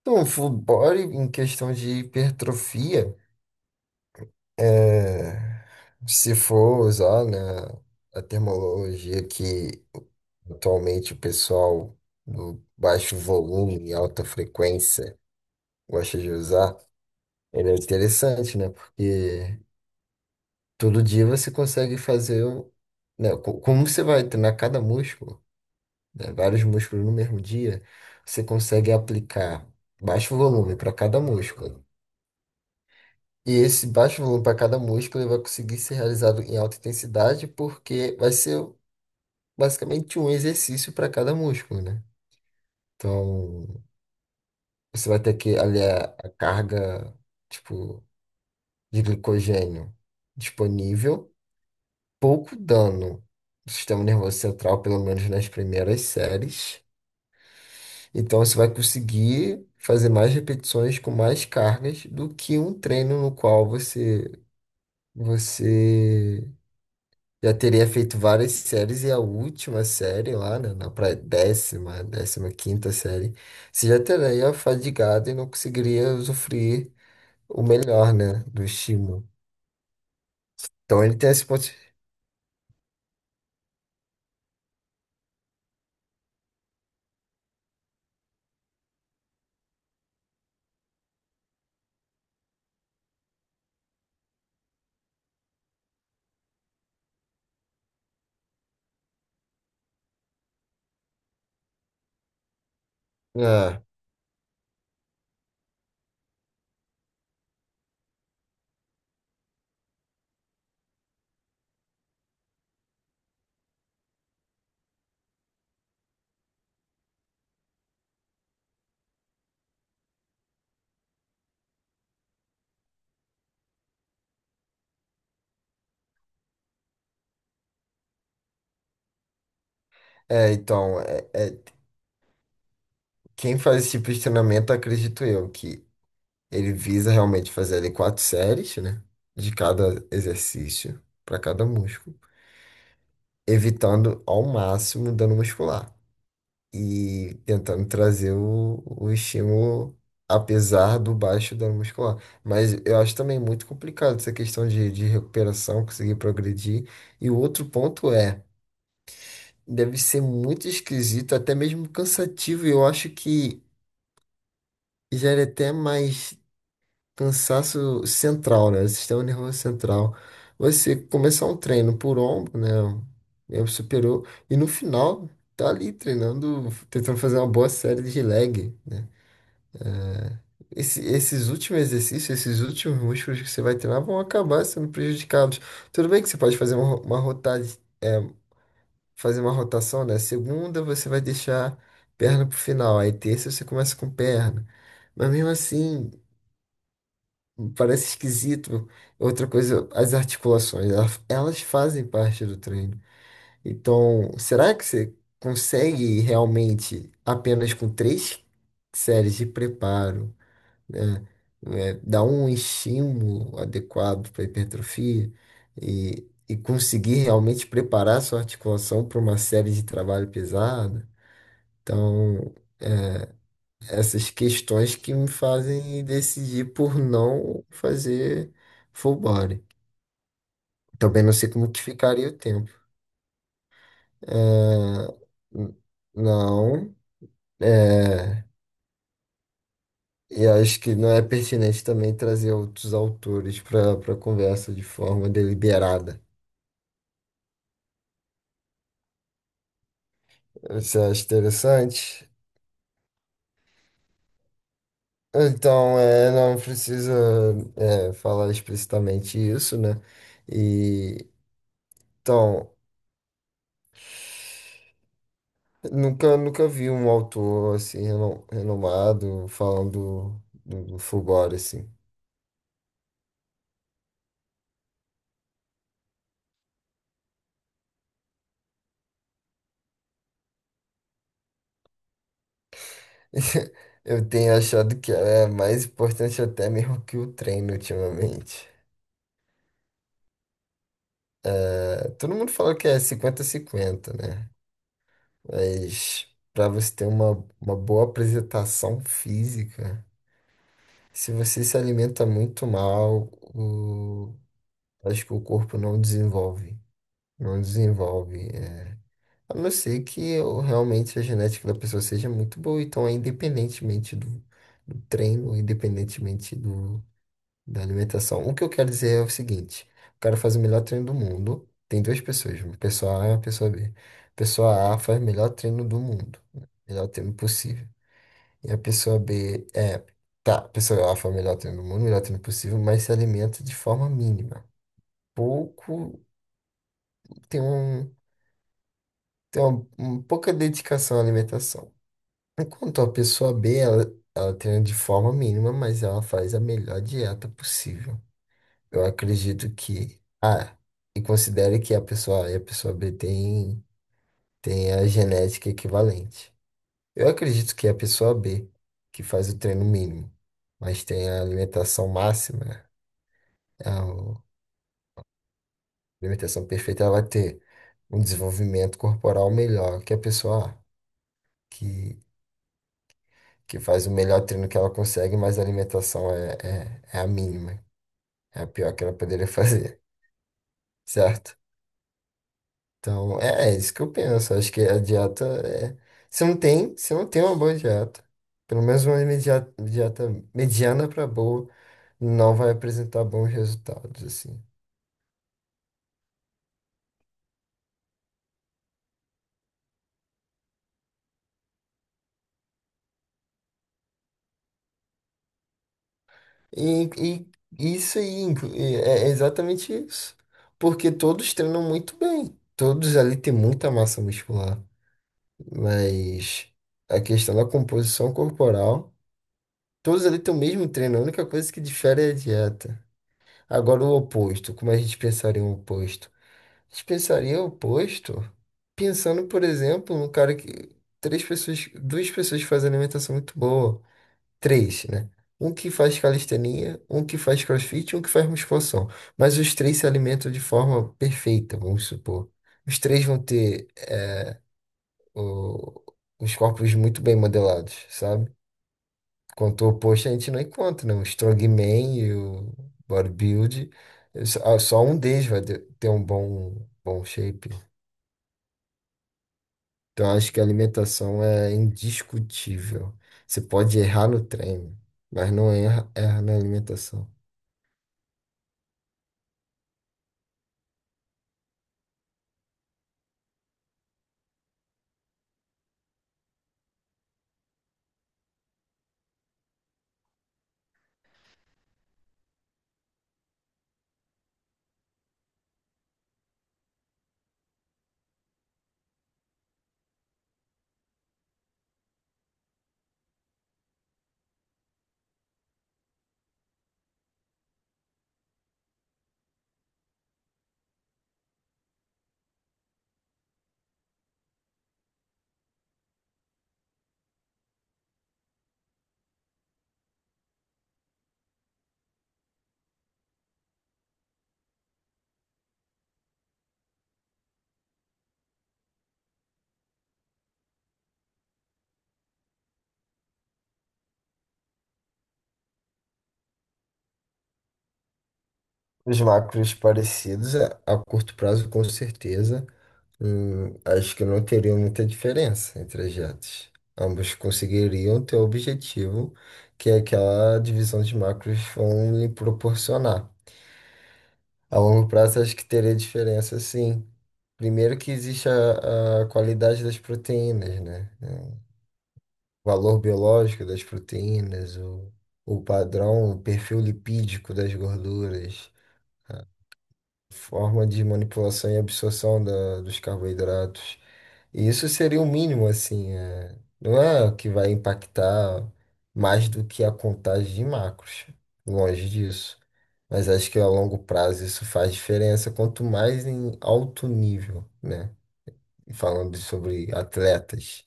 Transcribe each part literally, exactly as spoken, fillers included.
Então, o full body em questão de hipertrofia, é, se for usar, né, a terminologia que atualmente o pessoal do baixo volume e alta frequência gosta de usar, ele é interessante, né? Porque todo dia você consegue fazer, o- né, co- como você vai treinar cada músculo, né, vários músculos no mesmo dia, você consegue aplicar baixo volume para cada músculo. E esse baixo volume para cada músculo ele vai conseguir ser realizado em alta intensidade, porque vai ser basicamente um exercício para cada músculo, né? Então, você vai ter que aliar a carga, tipo, de glicogênio disponível, pouco dano do sistema nervoso central, pelo menos nas primeiras séries. Então, você vai conseguir fazer mais repetições com mais cargas do que um treino no qual você, você já teria feito várias séries e a última série lá, né, na pra décima, décima quinta série, você já teria fadigado e não conseguiria usufruir o melhor, né, do estímulo. Então ele tem esse ponto. Ah, é, então, é, é- quem faz esse tipo de treinamento, acredito eu, que ele visa realmente fazer ali quatro séries, né, de cada exercício, para cada músculo, evitando ao máximo dano muscular. E tentando trazer o, o estímulo, apesar do baixo dano muscular. Mas eu acho também muito complicado essa questão de, de recuperação, conseguir progredir. E o outro ponto é, deve ser muito esquisito, até mesmo cansativo, e eu acho que gera até mais cansaço central, né? Sistema nervoso central. Você começar um treino por ombro, né? Eu superou, e no final tá ali treinando, tentando fazer uma boa série de leg. Esse- esses últimos exercícios, esses últimos músculos que você vai treinar vão acabar sendo prejudicados. Tudo bem que você pode fazer uma, ro- uma rota, é, fazer uma rotação, né? Segunda você vai deixar perna pro final, aí terça você começa com perna. Mas mesmo assim, parece esquisito. Outra coisa, as articulações, elas, elas fazem parte do treino. Então, será que você consegue realmente apenas com três séries de preparo, né? É, dar um estímulo adequado para hipertrofia e, e conseguir realmente preparar sua articulação para uma série de trabalho pesado. Então, essas questões que me fazem decidir por não fazer full body. Também não sei como que ficaria o tempo. É, n- não. É, e acho que não é pertinente também trazer outros autores para a conversa de forma deliberada. Você acha interessante? Então, é, não precisa, é, falar explicitamente isso, né? E, então, nunca, nunca vi um autor, assim, reno- renomado falando do, do Fulgore, assim. Eu tenho achado que é mais importante até mesmo que o treino ultimamente. É, todo mundo fala que é 50 cinquenta, né? Mas para você ter uma, uma boa apresentação física, se você se alimenta muito mal, o- acho que o corpo não desenvolve. Não desenvolve. É. A não ser que o- realmente a genética da pessoa seja muito boa. Então, é independentemente do, do treino, independentemente do, da alimentação. O que eu quero dizer é o seguinte: o cara faz o melhor treino do mundo. Tem duas pessoas, uma pessoa A e uma pessoa B. Pessoa A faz o melhor treino do mundo, o melhor treino possível. E a pessoa B é, tá, a pessoa A foi o melhor treino do mundo, o melhor treino possível, mas se alimenta de forma mínima. Pouco, tem um, tem uma, um- pouca dedicação à alimentação. Enquanto a pessoa B, ela, ela treina de forma mínima, mas ela faz a melhor dieta possível. Eu acredito que A, e considere que a pessoa A e a pessoa B tem tem a genética equivalente. Eu acredito que a pessoa B, que faz o treino mínimo, mas tem a alimentação máxima, a alimentação perfeita ela vai ter um desenvolvimento corporal melhor que a pessoa que, que faz o melhor treino que ela consegue, mas a alimentação é, é, é a mínima, é a pior que ela poderia fazer, certo? Então, é, é isso que eu penso. Acho que a dieta é. Se não tem, se não tem uma boa dieta, pelo menos uma media- dieta mediana para boa, não vai apresentar bons resultados, assim. E, e isso aí inclu- e é é exatamente isso. Porque todos treinam muito bem. Todos ali têm muita massa muscular. Mas a questão da composição corporal, todos ali têm o mesmo treino. A única coisa que difere é a dieta. Agora, o oposto. Como a gente pensaria o oposto? A gente pensaria o oposto pensando, por exemplo, num cara que. Três pessoas, duas pessoas fazem alimentação muito boa. Três, né? Um que faz calistenia, um que faz crossfit e um que faz musculação. Mas os três se alimentam de forma perfeita, vamos supor. Os três vão ter eh, o- os corpos muito bem modelados, sabe? Quanto o oposto a gente não encontra, né? O strongman e o bodybuild, eh, só ah, só um deles vai de- ter um bom, bom shape. Então acho que a alimentação é indiscutível. Você pode errar no treino, mas não erra, erra na alimentação. Os macros parecidos a, a curto prazo, com certeza. Hum, acho que não teria muita diferença entre as metas. Ambos conseguiriam ter o objetivo que é aquela divisão de macros vão lhe proporcionar. A longo prazo, acho que teria diferença, sim. Primeiro que existe a, a qualidade das proteínas, né? É, O valor biológico das proteínas, o, o padrão, o perfil lipídico das gorduras. Forma de manipulação e absorção da- dos carboidratos. E isso seria o mínimo, assim, é, não é que vai impactar mais do que a contagem de macros, longe disso. Mas acho que a longo prazo isso faz diferença, quanto mais em alto nível, né? E falando sobre atletas,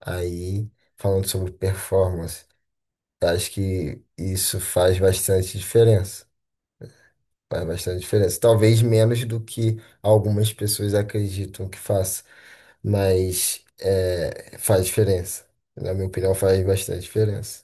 aí falando sobre performance, acho que isso faz bastante diferença. Faz bastante diferença. Talvez menos do que algumas pessoas acreditam que faça, mas é, faz diferença. Na minha opinião, faz bastante diferença.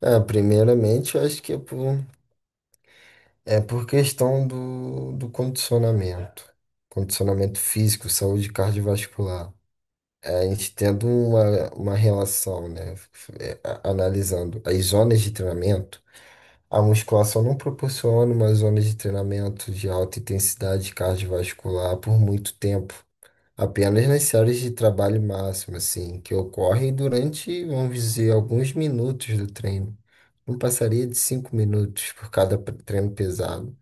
Ah, primeiramente, eu acho que é por, é por, questão do, do condicionamento. Condicionamento físico, saúde cardiovascular. É, a gente tendo uma, uma relação, né? É, a- analisando as zonas de treinamento. A musculação não proporciona uma zona de treinamento de alta intensidade cardiovascular por muito tempo, apenas nas séries de trabalho máximo, assim, que ocorrem durante, vamos dizer, alguns minutos do treino. Não passaria de cinco minutos por cada pre- treino pesado,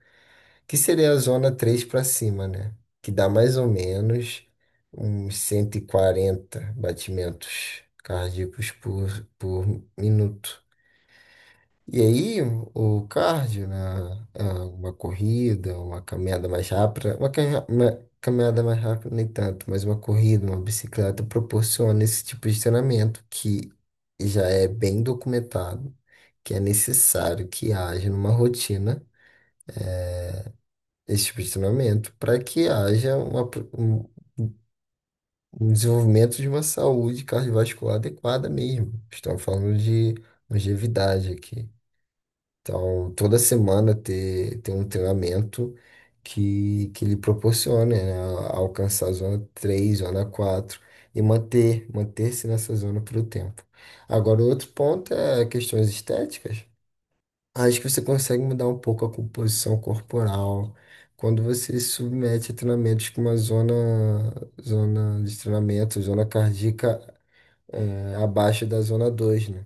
que seria a zona três para cima, né? Que dá mais ou menos uns cento e quarenta batimentos cardíacos por, por minuto. E aí, o cardio, né, é uma corrida, uma caminhada mais rápida, uma, ca- uma caminhada mais rápida nem tanto, mas uma corrida, uma bicicleta proporciona esse tipo de treinamento que já é bem documentado, que é necessário que haja numa rotina esse tipo de treinamento para que haja uma pro- um, um desenvolvimento de uma saúde cardiovascular adequada mesmo. Estamos falando de longevidade aqui. Então, toda semana ter, ter um treinamento que, que lhe proporcione, né, a- alcançar a zona três, zona quatro e manter, manter-se nessa zona pelo tempo. Agora, o outro ponto é questões estéticas. Acho que você consegue mudar um pouco a composição corporal quando você se submete a treinamentos com uma zona, zona de treinamento, zona cardíaca, eh, abaixo da zona dois, né?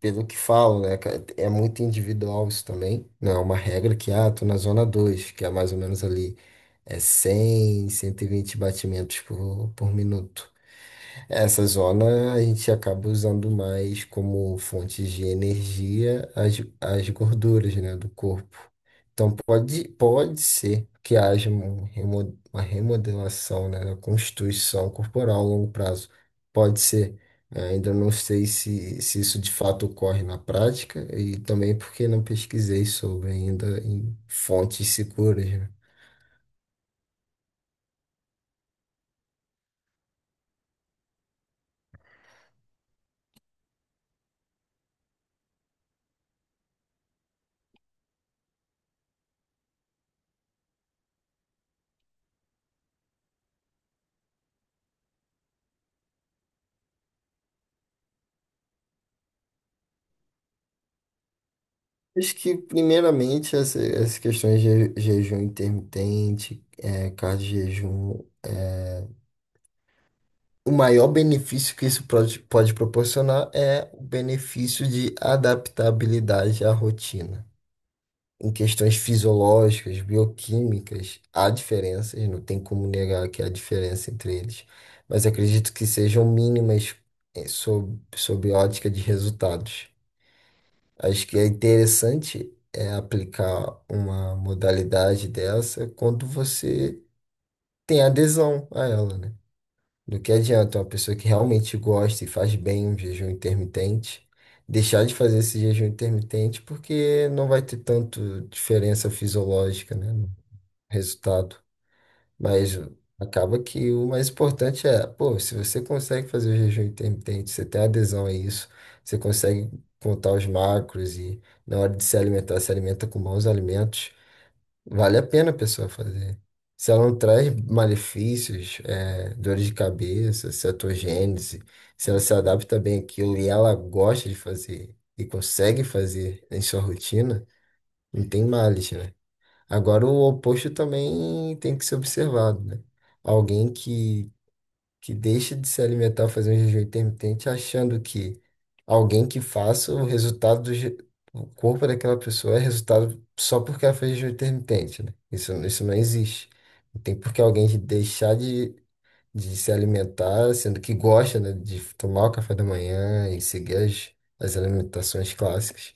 Pelo que falo, né, cara, é muito individual isso também. Não é uma regra que, ah, tô na zona dois que é mais ou menos ali, é cem, cento e vinte batimentos por, por minuto. Essa zona a gente acaba usando mais como fonte de energia as, as gorduras, né, do corpo. Então pode, pode ser que haja um remo- uma remodelação, né, da constituição corporal a longo prazo. Pode ser. Eh, Ainda não sei se, se isso de fato ocorre na prática e também porque não pesquisei sobre ainda em fontes seguras, né. Acho que, primeiramente, essa- essas questões de jejum intermitente, é, cardio-jejum, o maior benefício que isso pode, pode proporcionar é o benefício de adaptabilidade à rotina. Em questões fisiológicas, bioquímicas, há diferenças, não tem como negar que há diferença entre eles, mas acredito que sejam mínimas, eh, sob, sob ótica de resultados. Acho que é interessante é aplicar uma modalidade dessa quando você tem adesão a ela, né? Do que adianta uma pessoa que realmente gosta e faz bem um jejum intermitente deixar de fazer esse jejum intermitente porque não vai ter tanto diferença fisiológica, né, no resultado. Mas acaba que o mais importante é, pô, se você consegue fazer o jejum intermitente, você tem adesão a isso, você consegue contar os macros e na hora de se alimentar, se alimenta com bons alimentos, vale a pena a pessoa fazer. Se ela não traz malefícios, é, dores de cabeça, cetogênese, se ela se adapta bem àquilo e ela gosta de fazer e consegue fazer em sua rotina, não tem males, né? Agora, o oposto também tem que ser observado, né? Alguém que, que deixa de se alimentar, fazer um jejum intermitente, achando que alguém que faça o resultado do je- o corpo daquela pessoa é resultado só porque ela fez jejum intermitente, né? Isso, isso não existe. Não tem por que alguém de deixar de, de se alimentar, sendo que gosta, né, de tomar o café da manhã e seguir as, as alimentações clássicas.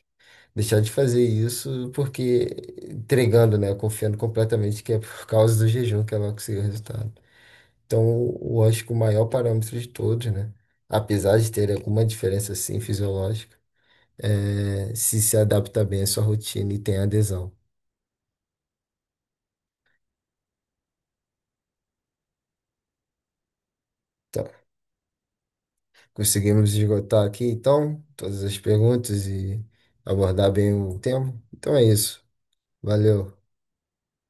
Deixar de fazer isso porque entregando, né? Confiando completamente que é por causa do jejum que ela conseguiu o resultado. Então, eu acho que o maior parâmetro de todos, né? Apesar de ter alguma diferença, assim fisiológica, é se se adapta bem à sua rotina e tem adesão. Tá. Conseguimos esgotar aqui, então, todas as perguntas e abordar bem o tema? Então é isso. Valeu.